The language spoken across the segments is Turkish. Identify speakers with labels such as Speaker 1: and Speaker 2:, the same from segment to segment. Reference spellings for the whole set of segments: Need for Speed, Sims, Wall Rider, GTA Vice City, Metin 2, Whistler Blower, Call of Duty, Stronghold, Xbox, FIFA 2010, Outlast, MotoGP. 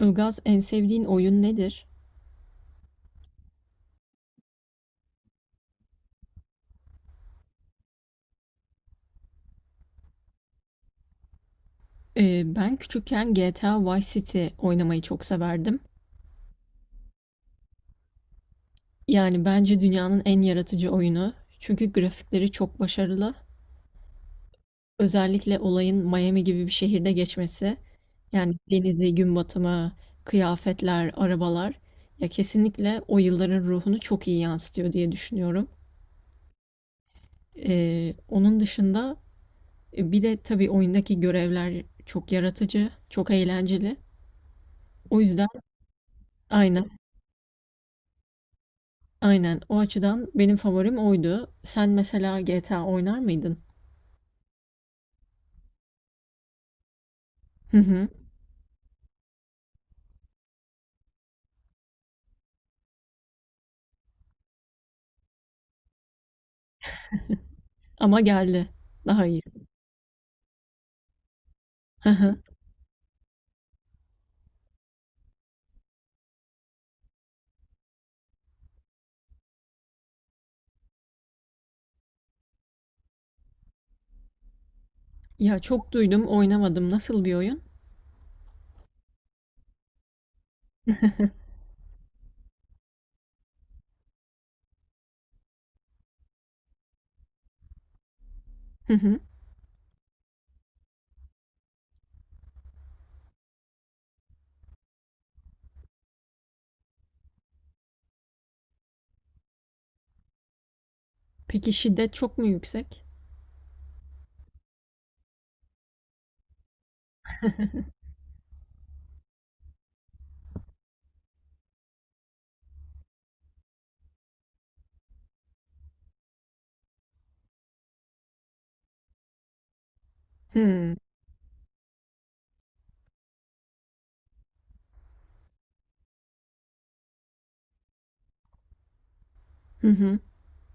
Speaker 1: Ilgaz en sevdiğin oyun nedir? Ben küçükken GTA Vice City oynamayı çok severdim. Yani bence dünyanın en yaratıcı oyunu. Çünkü grafikleri çok başarılı. Özellikle olayın Miami gibi bir şehirde geçmesi. Yani denizi, gün batımı, kıyafetler, arabalar. Ya kesinlikle o yılların ruhunu çok iyi yansıtıyor diye düşünüyorum. Onun dışında bir de tabii oyundaki görevler çok yaratıcı, çok eğlenceli. O yüzden aynen. Aynen. O açıdan benim favorim oydu. Sen mesela GTA oynar mıydın? Hı hı. Ama geldi. Daha iyisi. Hı hı. Ya çok duydum, oynamadım. Nasıl bir oyun? Hı hı. Peki şiddet çok mu yüksek? Hı. Hı hı.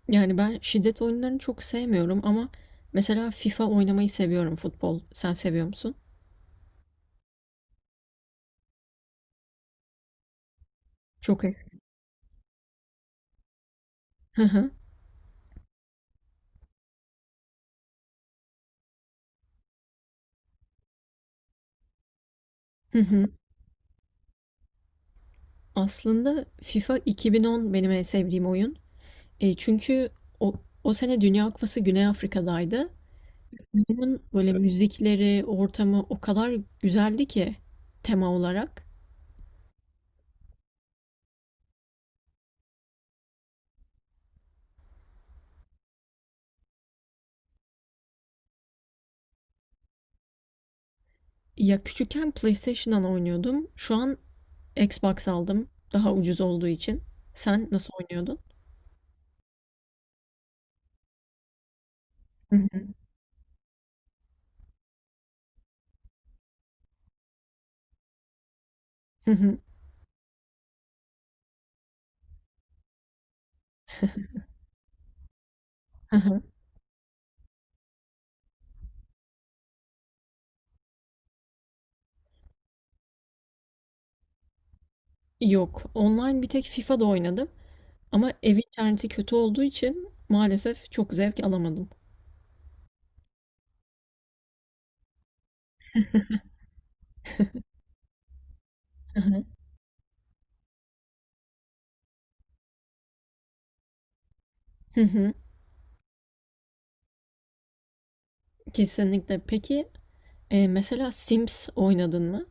Speaker 1: Yani ben şiddet oyunlarını çok sevmiyorum ama mesela FIFA oynamayı seviyorum futbol. Sen seviyor musun? Çok iyi. Hı hı. Hı hı. Aslında FIFA 2010 benim en sevdiğim oyun. Çünkü o, o sene Dünya Kupası Güney Afrika'daydı. Bunun böyle müzikleri, ortamı o kadar güzeldi ki tema olarak. Ya küçükken PlayStation'dan oynuyordum. Şu an Xbox aldım. Daha ucuz olduğu için. Sen nasıl oynuyordun? Hı hı. Hı hı. Hı hı. Yok. Online bir tek FIFA'da oynadım. Ama ev interneti kötü olduğu için maalesef çok zevk alamadım. Hı hı. Hı hı. Kesinlikle. Peki mesela Sims oynadın mı?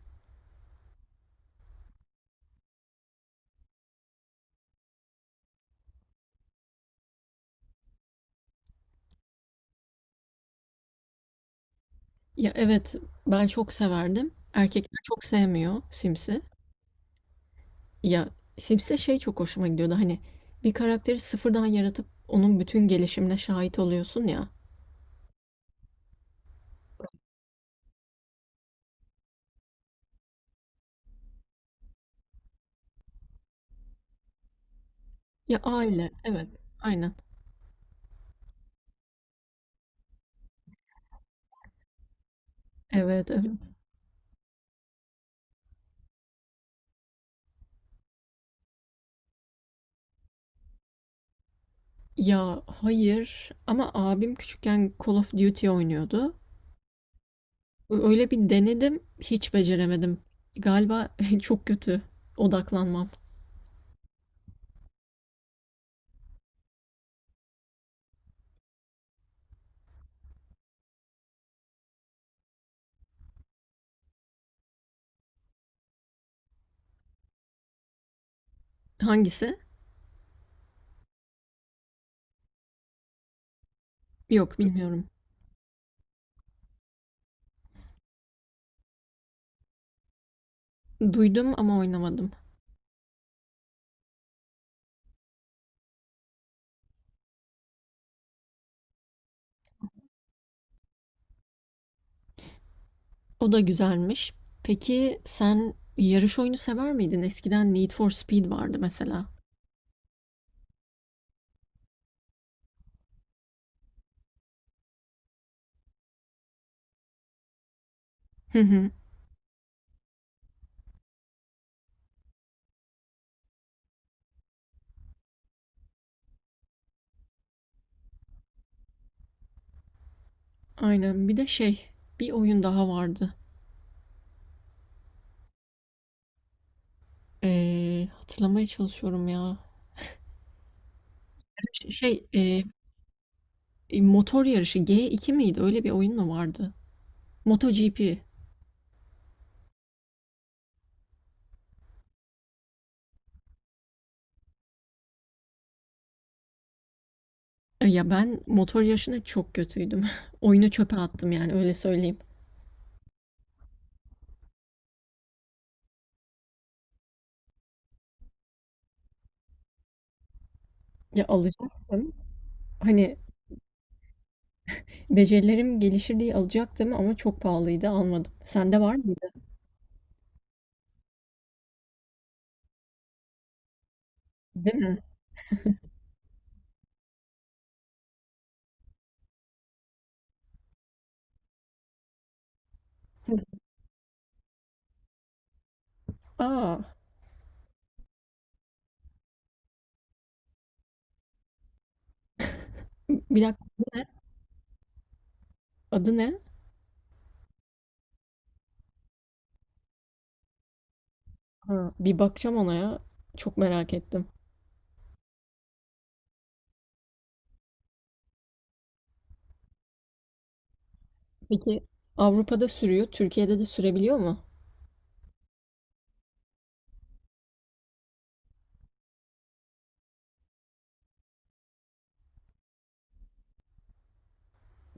Speaker 1: Ya evet, ben çok severdim. Erkekler çok sevmiyor Sims'i. Ya Sims'te şey çok hoşuma gidiyordu, hani bir karakteri sıfırdan yaratıp onun bütün gelişimine şahit oluyorsun ya. Ya aile, evet, aynen. Evet, evet. Ya hayır, ama abim küçükken Call of Duty oynuyordu. Öyle bir denedim, hiç beceremedim. Galiba çok kötü odaklanmam. Hangisi? Yok, bilmiyorum. Duydum ama oynamadım. O da güzelmiş. Peki sen yarış oyunu sever miydin? Eskiden Need for Speed vardı mesela. Aynen. Bir de şey, bir oyun daha vardı. Hatırlamaya çalışıyorum ya. Şey, motor yarışı G2 miydi? Öyle bir oyun mu vardı? MotoGP. Ya ben motor yarışına çok kötüydüm. Oyunu çöpe attım, yani öyle söyleyeyim. Ya alacaktım. Hani becerilerim gelişir diye alacaktım ama çok pahalıydı, almadım. Sende var mıydı? Değil mi? Aa, bir dakika, adı ne? Ha, bir bakacağım ona ya. Çok merak ettim. Peki Avrupa'da sürüyor, Türkiye'de de sürebiliyor mu?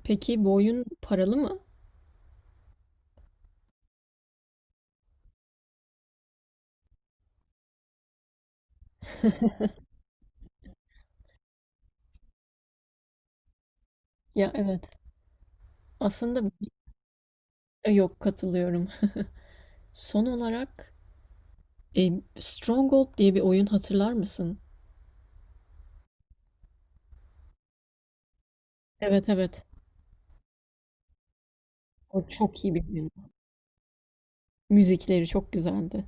Speaker 1: Peki bu oyun paralı mı? Ya evet. Aslında yok, katılıyorum. Son olarak Stronghold diye bir oyun hatırlar mısın? Evet, evet. O çok iyi bir oyun. Müzikleri çok güzeldi.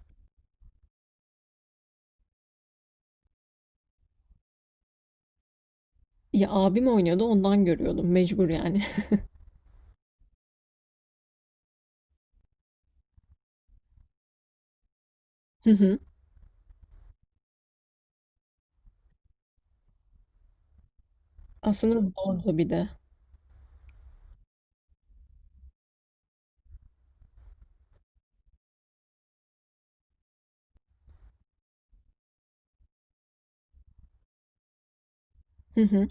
Speaker 1: Ya abim oynuyordu, ondan görüyordum mecbur yani. Hı hı. Aslında zordu bir de. Hı hı.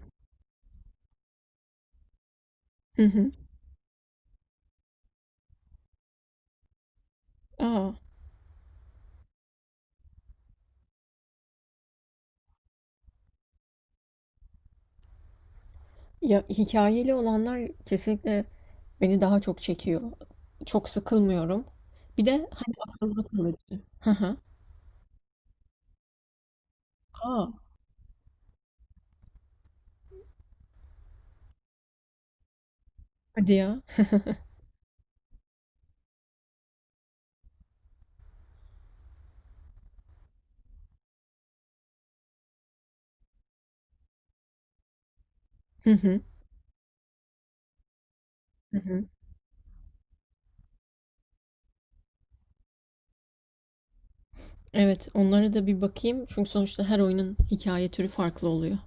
Speaker 1: Hı hı. Aa. Ya hikayeli olanlar kesinlikle beni daha çok çekiyor. Çok sıkılmıyorum. Bir de hani akılda kalıcı. Hı hı. A! Hadi ya. Hı hı. Hı hı. Evet, onlara da bir bakayım. Çünkü sonuçta her oyunun hikaye türü farklı oluyor.